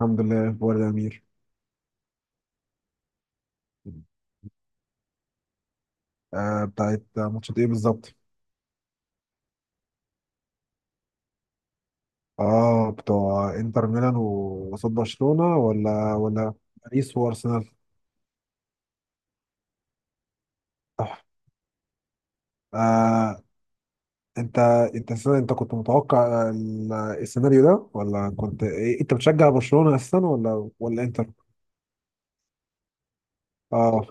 الحمد لله. اخبار الامير؟ آه، بتاعت ماتشات ايه بالظبط؟ اه، بتوع انتر ميلان و- وقصاد برشلونه ولا باريس وارسنال. آه. آه، انت انت كنت متوقع السيناريو ده، ولا كنت إيه؟ انت بتشجع برشلونه اساسا ولا انتر؟ اه،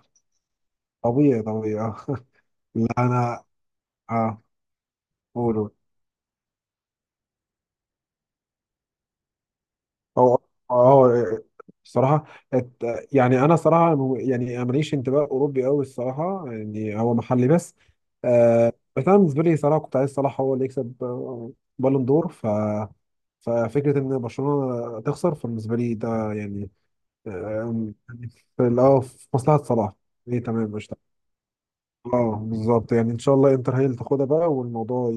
طبيعي طبيعي اه لا انا اه. قول. هو اه الصراحة. ات- يعني أنا صراحة يعني ماليش انتماء أوروبي أوي الصراحة، يعني هو محلي بس. آه، بس أنا بالنسبة لي صراحة كنت عايز صلاح هو اللي يكسب آه، بالون دور. ف ففكرة إن برشلونة تخسر فبالنسبة لي ده يعني آه، يعني في ال- اه في مصلحة صلاح. إيه تمام، مش اه بالظبط. يعني إن شاء الله إنتر هي اللي تاخدها بقى، والموضوع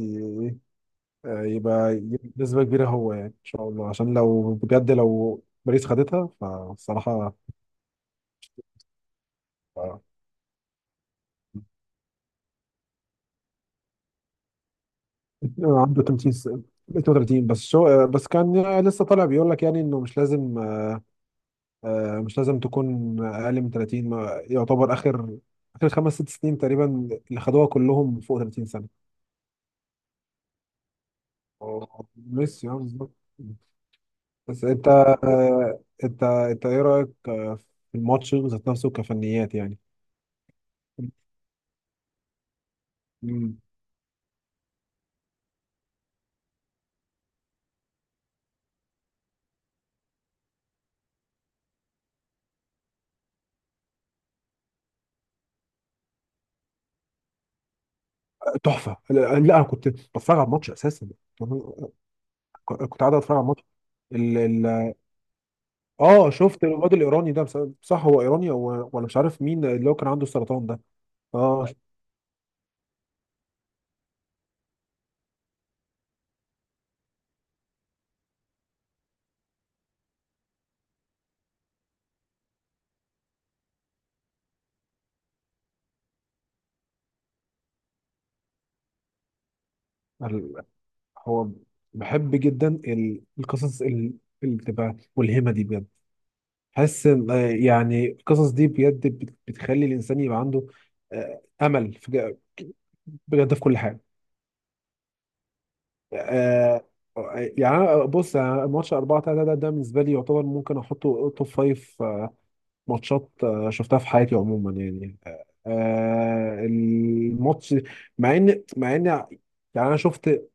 آه، يبقى يجيب نسبة كبيرة هو، يعني إن شاء الله، عشان لو بجد لو باريس خدتها فالصراحة آه، عنده 32 بس شو آه، بس كان لسه طالع بيقول لك يعني إنه مش لازم آه، مش لازم تكون أقل من 30. يعتبر آخر خمس ست سنين تقريبا اللي خدوها كلهم فوق 30 سنة. آه، ميسي اه بالظبط. بس أنت آه، أنت إيه رأيك آه، في الماتش ذات نفسه كفنيات يعني؟ تحفه. لا لا، انا كنت بتفرج على الماتش اساسا، كنت قاعد اتفرج على الماتش. ال ال اه شفت الواد الايراني ده صح، هو ايراني هو ولا مش عارف، مين اللي هو كان عنده السرطان ده؟ اه. ال- هو بحب جدا القصص اللي بتبقى ملهمه دي بجد. حاسس آه، يعني القصص دي بجد بتخلي الانسان يبقى عنده آه، امل بجد في كل حاجه. آه آه، يعني بص، يعني ماتش 4 3 ده بالنسبه لي يعتبر ممكن احطه توب فايف آه، ماتشات آه، شفتها في حياتي عموما، يعني آه آه، الماتش. مع ان يعني انا شفت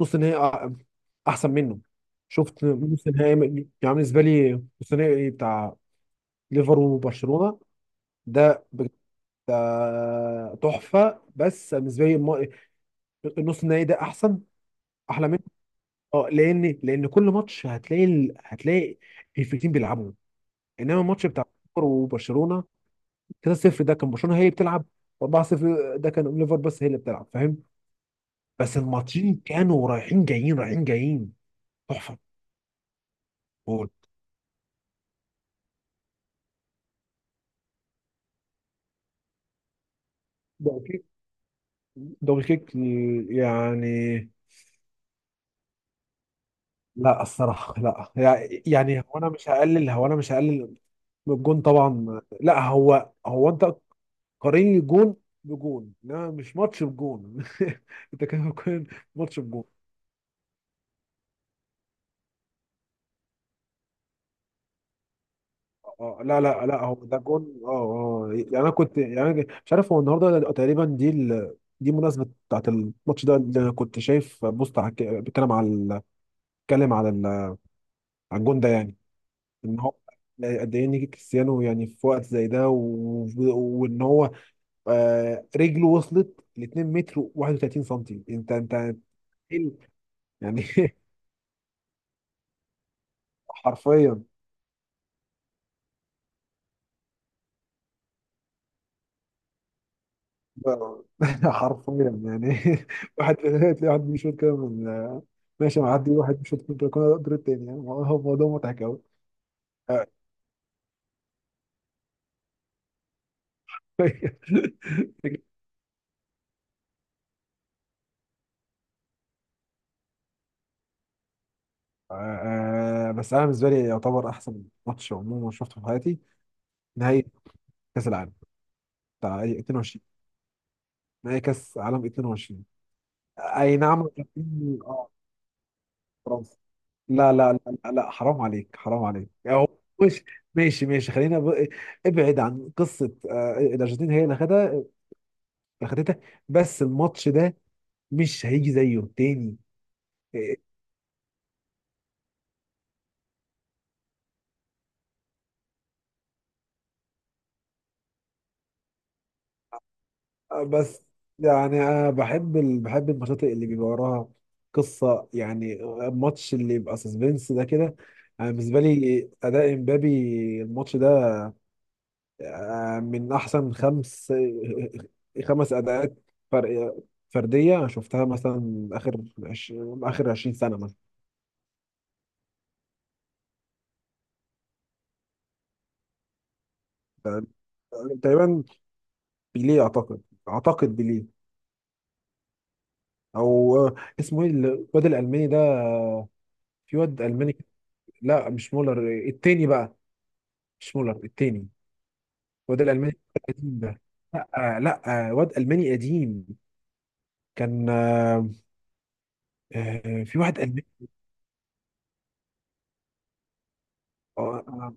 نص نهائي احسن منه. شفت نص نهائي م- يعني بالنسبه لي نص نهائي بتاع ليفر وبرشلونه ده بجد، آه، تحفه. بس بالنسبه لي النص النهائي ده احسن، احلى. اه، لان كل ماتش هتلاقي هتلاقي الفريقين بيلعبوا، انما الماتش بتاع ليفر وبرشلونه 3-0 ده كان برشلونه هي اللي بتلعب، 4-0 ده كان ليفر بس هي اللي بتلعب، فاهم. بس الماتشين كانوا رايحين جايين، تحفه. جول. دبل كيك. دبل كيك يعني. لا الصراحه لا، يعني يعني هو انا مش هقلل، من الجون طبعا. لا هو هو انت قارني جون بجون، لا مش ماتش بجون انت كده بتقارن ماتش بجون؟ اه آه، لا لا لا، هو ده جون اه اه. يعني انا كنت، يعني أنا مش عارف، هو النهارده تقريبا دي دي مناسبة بتاعت الماتش ده، اللي انا كنت شايف بوست على بيتكلم على بيتكلم على على الجون ده يعني. ان هو قد ايه نيجي كريستيانو يعني في وقت زي ده، وان هو آه رجله وصلت ل 2 متر و31 سم. انت انت إيه ال- يعني حرفيا. آه. حرفيا يعني واحد بيشوط كده من آه، ماشي، معدي واحد بيشوط من البلكونه قدر التاني، يعني هو موضوع مضحك قوي. آه. آه، بس انا بالنسبه لي يعتبر احسن ماتش عموما شفته في حياتي: نهائي كاس العالم بتاع اي 22. نهائي كاس عالم 22، اي نعم، كان في- اه فرنسا. لا لا لا لا، حرام عليك، حرام عليك، يعني هو مش، ماشي ماشي، ابعد عن قصه آه، الارجنتين هي اللي خدها، اخدتها، بس الماتش ده مش هيجي زيه تاني. إيه، بس يعني انا بحب بحب الماتشات اللي بيبقى وراها قصه يعني، الماتش اللي يبقى سسبنس ده كده. انا بالنسبه لي اداء امبابي الماتش ده آه، من احسن خمس خمس اداءات فرق فرديه أنا شفتها، مثلا عش... اخر 20 سنه. مثلا تقريبا بيليه اعتقد، اعتقد بيليه، او آه، اسمه ايه الواد الالماني ده آه، في واد الماني لا مش مولر، آه، التاني بقى، مش مولر التاني، الواد الالماني القديم ده. لا آه، لا آه، واد الماني قديم، كان آه، آه، في واحد الماني آه، آه.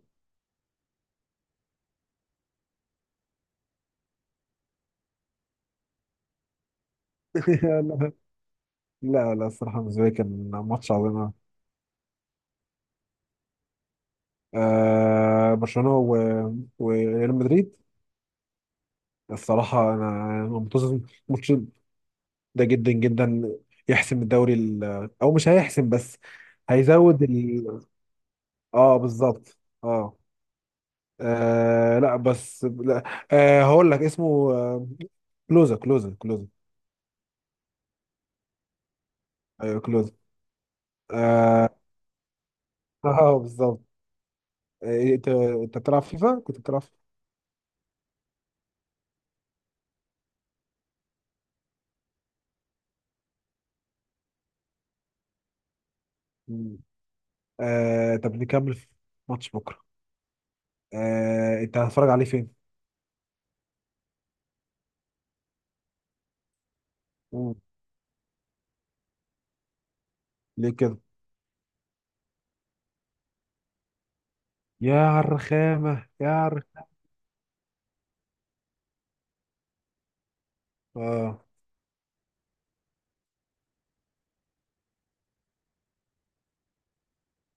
لا لا الصراحه بالنسبه لي كان ماتش عظيم. آه، برشلونه وريال مدريد. الصراحه انا منتظر الماتش ده جدا جدا، يحسم الدوري او مش هيحسم بس هيزود. اه بالظبط، اه آه، لا بس لا، آه هقول لك اسمه آه، كلوزا. ايوه كلوزا. اه، آه بالظبط. آه، انت بتلعب فيفا؟ كنت بتلعب فيفا؟ مم. آه، طب نكمل في ماتش بكره؟ آه، انت هتتفرج عليه فين؟ مم. ليه كده؟ يا الرخامه يا عر... اه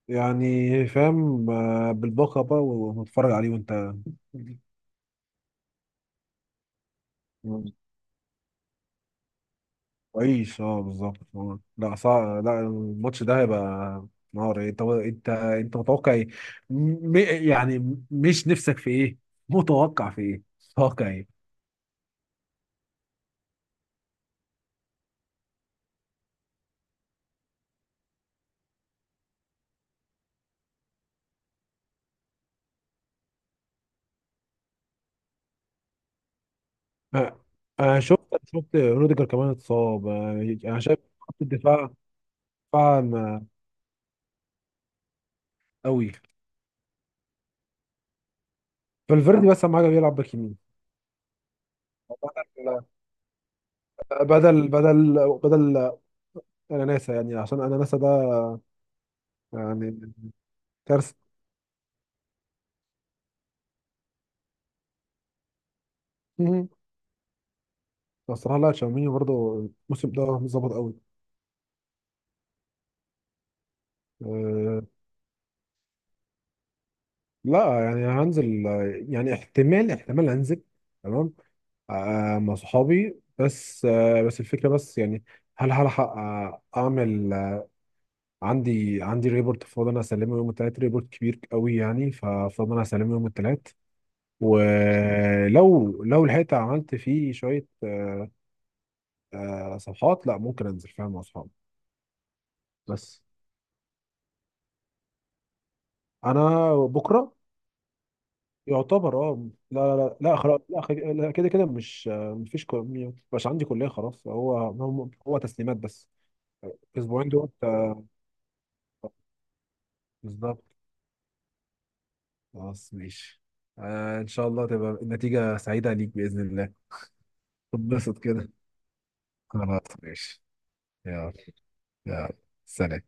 يعني فاهم آه، بالباقه بقى ونتفرج عليه، وانت مم. كويس، اه بالظبط آه. لا صعب، لا الماتش ده هيبقى نار. انت متوقع ايه؟ م... م- يعني مش نفسك في ايه؟ متوقع في ايه؟ متوقع ايه؟ آه، انا شفت، شفت روديجر كمان اتصاب آه، انا شايف خط الدفاع، دفاع ما- قوي. فالفيردي بس اهم حاجه بيلعب باك يمين، بدل بدل اناناسا يعني، عشان اناناسا ده يعني كارثه بصراحه لا تشاوميني برضه الموسم ده مش ظابط قوي. أه لا، يعني هنزل آه، يعني احتمال انزل، تمام. أه مع صحابي، بس أه بس الفكره بس يعني هل هلحق آه، اعمل آه، عندي ريبورت فاضل انا اسلمه يوم التلات، ريبورت كبير قوي يعني، ففاضل انا اسلمه يوم التلات، ولو لحقت عملت فيه شويه أه أه صفحات، لا ممكن انزل، فاهم، مع صحابي. بس انا بكره يعتبر اه لا لا لا لا خلاص، لا، كده كده مش آه، مفيش مبقاش عندي كلية خلاص، هو تسليمات بس الأسبوعين دول آه، بالظبط. خلاص ماشي. آه إن شاء الله تبقى النتيجة سعيدة ليك بإذن الله، تتبسط كده. خلاص ماشي. يلا. يلا سلام.